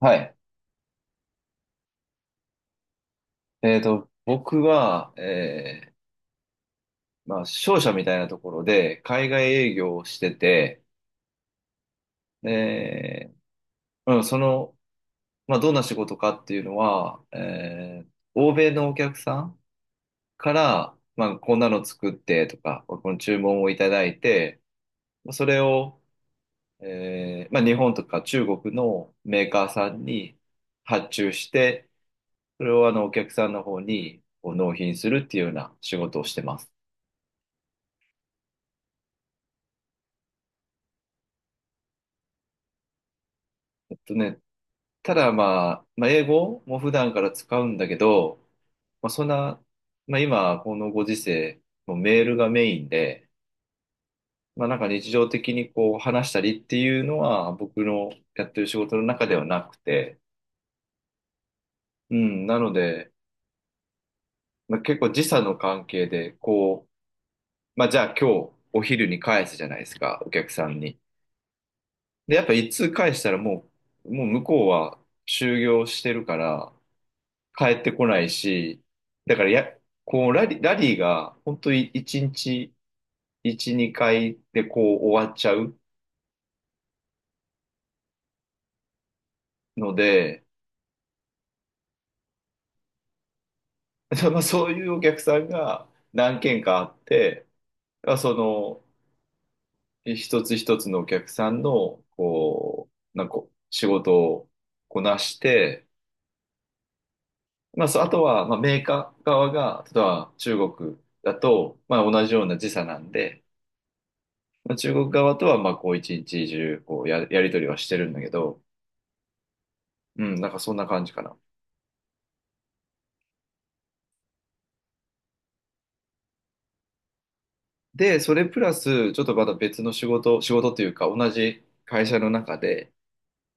はい。僕は、まあ、商社みたいなところで、海外営業をしてて、で、うん、その、まあ、どんな仕事かっていうのは、欧米のお客さんから、まあ、こんなの作ってとか、この注文をいただいて、それを、まあ、日本とか中国のメーカーさんに発注して、それをあの、お客さんの方にこう納品するっていうような仕事をしてます。えっとね、ただまあ、まあ、英語も普段から使うんだけど、まあ、そんな、まあ、今、このご時世、もうメールがメインで、まあ、なんか日常的にこう話したりっていうのは僕のやってる仕事の中ではなくて、うん、なので、まあ、結構時差の関係で、こう、まあ、じゃあ今日お昼に返すじゃないですか、お客さんに。で、やっぱ一通返したらもう向こうは就業してるから、帰ってこないし、だからや、こう、ラリーが、本当に1日1、2回でこう終わっちゃうので、まあ、そういうお客さんが何件かあって、まあ、その、一つ一つのお客さんの、こう、なんか、仕事をこなして、まあ、そう、あとは、まあ、メーカー側が、例えば中国だと、まあ、同じような時差なんで、まあ、中国側とは、まあ、こう、一日中、こうや、やり取りはしてるんだけど、うん、なんかそんな感じかな。で、それプラス、ちょっとまた別の仕事、仕事というか、同じ会社の中で、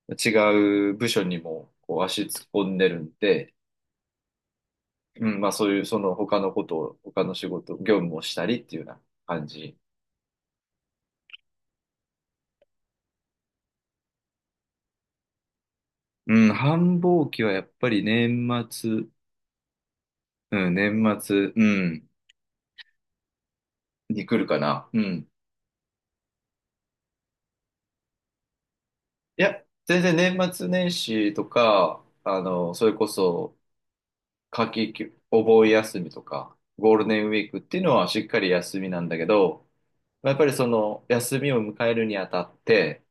違う部署にもこう足突っ込んでるんで、うん、まあそういう、その他のことを、他の仕事、業務をしたりっていうような感じ。うん、繁忙期はやっぱり年末、うん、ん、に来るかな。うん。いや、全然年末年始とか、あの、それこそ、夏季休、お盆休みとか、ゴールデンウィークっていうのはしっかり休みなんだけど、まあやっぱりその休みを迎えるにあたって、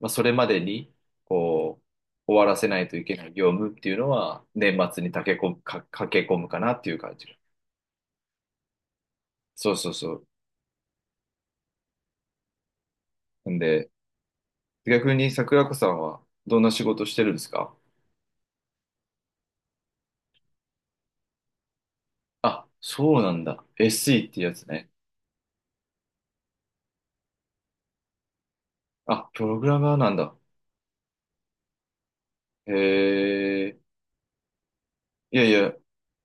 まあ、それまでに、こう、終わらせないといけない業務っていうのは、年末に駆け込む、か、駆け込むかなっていう感じ。そうそうそう。んで、逆に桜子さんはどんな仕事してるんですか？あ、そうなんだ。SE ってやつね。あ、プログラマーなんだ。へえ、いやいや、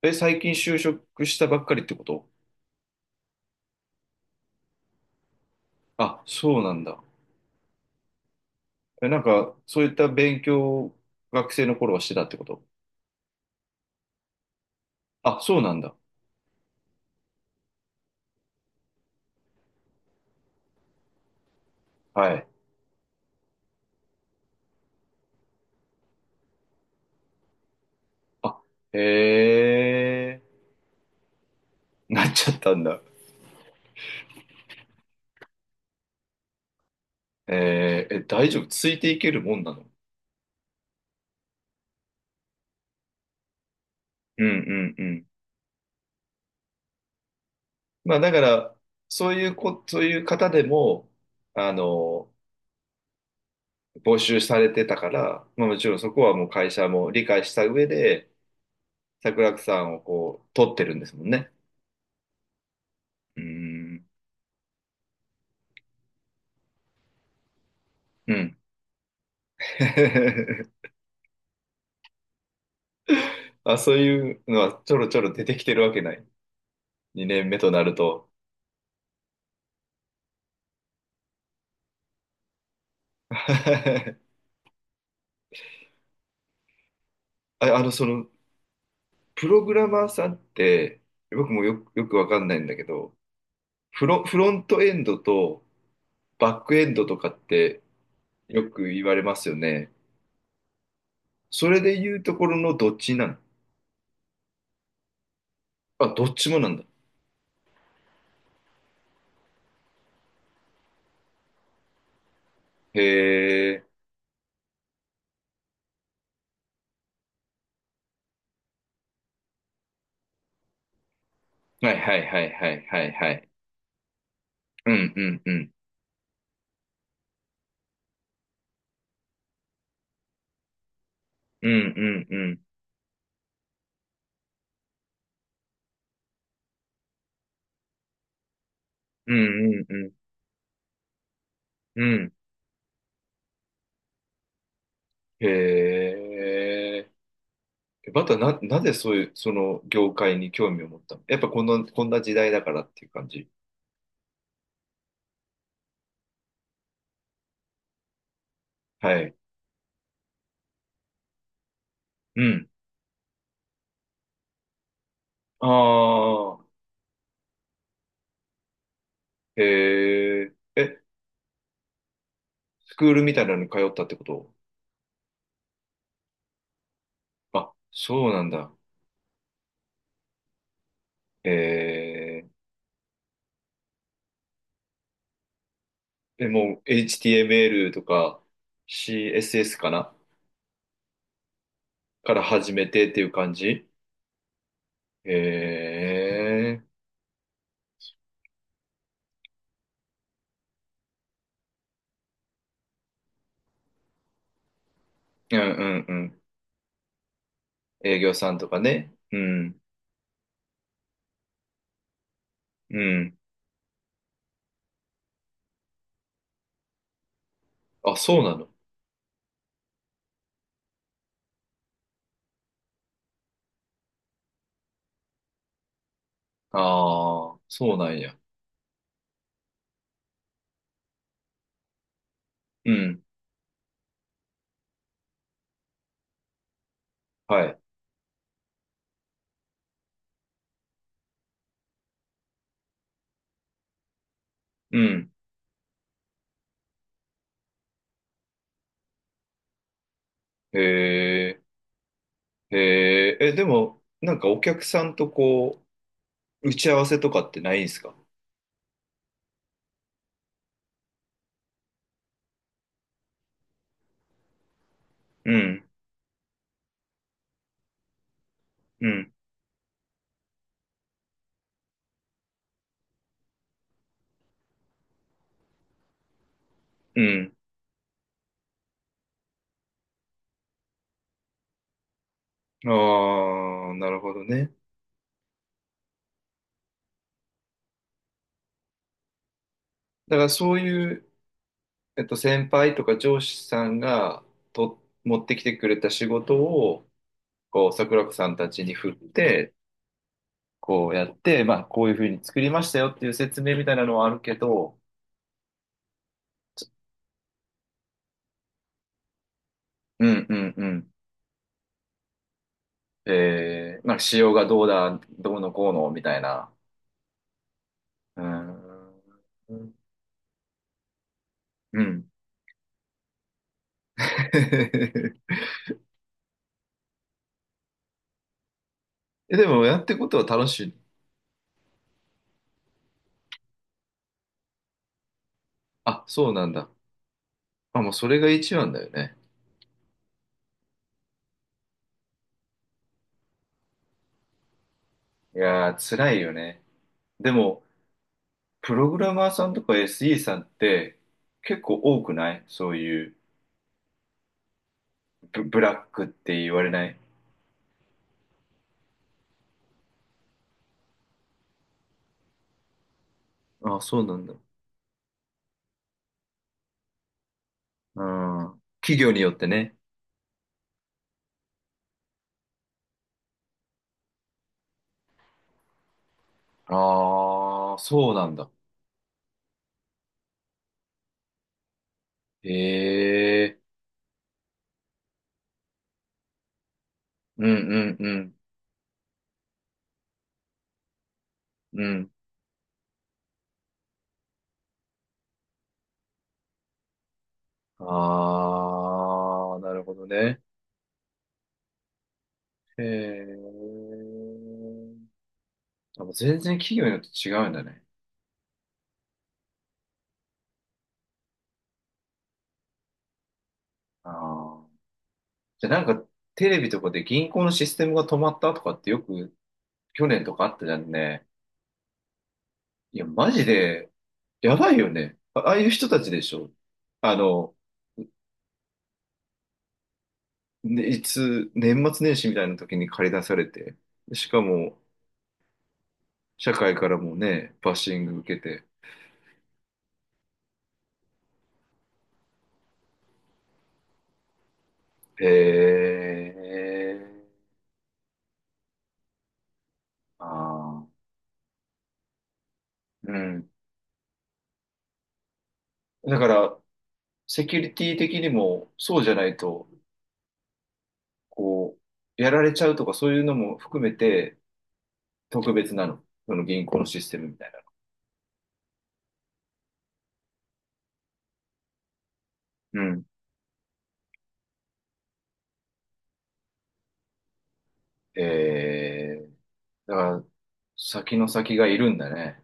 え、最近就職したばっかりってこと？あ、そうなんだ。え、なんか、そういった勉強を学生の頃はしてたってこと？あ、そうなんだ。はい。あ、へえ、なっちゃったんだ。え、大丈夫ついていけるもんなの？うんうんうん。まあ、だから、そういうこ、そういう方でも、あの、募集されてたから、まあ、もちろんそこはもう会社も理解した上で、桜木さんをこう、取ってるんですもんね。うーん。うん。あ、そういうのはちょろちょろ出てきてるわけない？2年目となると。あ、プログラマーさんって、僕もよくわかんないんだけど、フロントエンドとバックエンドとかってよく言われますよね。それで言うところのどっちなの？あ、どっちもなんだ。へえ。はいはいはいはいはいはい。うんうんうん。うんうんうん。うんうんうん。うん。へえ。えバターな、なぜそういう、その業界に興味を持ったの？やっぱこの、こんな時代だからっていう感じ。はい。うん。ああ、へえ。え、スクールみたいなのに通ったってこと？あ、そうなんだ。へえ。え、もう HTML とか CSS かなから始めてっていう感じ？へえ。うんうんうん。営業さんとかね。うん。うん。あ、そうなの？ああ、そうなんや。うん。はい。うん。へえ、へえ、え、でも、なんかお客さんとこう、打ち合わせとかってないんですか？うん、うん、うん。ああ、なるほどね。だからそういう、先輩とか上司さんがと持ってきてくれた仕事を、こう、桜子さんたちに振って、こうやって、まあ、こういうふうに作りましたよっていう説明みたいなのはあるけど、うん、うん、うん。なんか仕様がどうだ、どうのこうのみたいな。あーうん。え、でもやってことは楽しい？あ、そうなんだ。あ、もうそれが一番だよね。いやー、辛いよね。でも、プログラマーさんとか SE さんって結構多くない？そういうブラックって言われない？あ、そうなんだ。うん。企業によってね。ああ、そうなんだ。へえ。うんうんうん。うん。ああ、なるほどね。へえ。あもう全然企業によって違うんだね。ああ。じゃあなんかテレビとかで銀行のシステムが止まったとかってよく去年とかあったじゃんね。いや、マジで、やばいよね。あ、ああいう人たちでしょ？あの、ね、いつ、年末年始みたいな時に駆り出されて、しかも、社会からもね、バッシング受けて。へえ。ああ。うん。だから、セキュリティ的にもそうじゃないと、こう、やられちゃうとかそういうのも含めて特別なの？その銀行のシステムみたいな。うん。えだから先の先がいるんだね。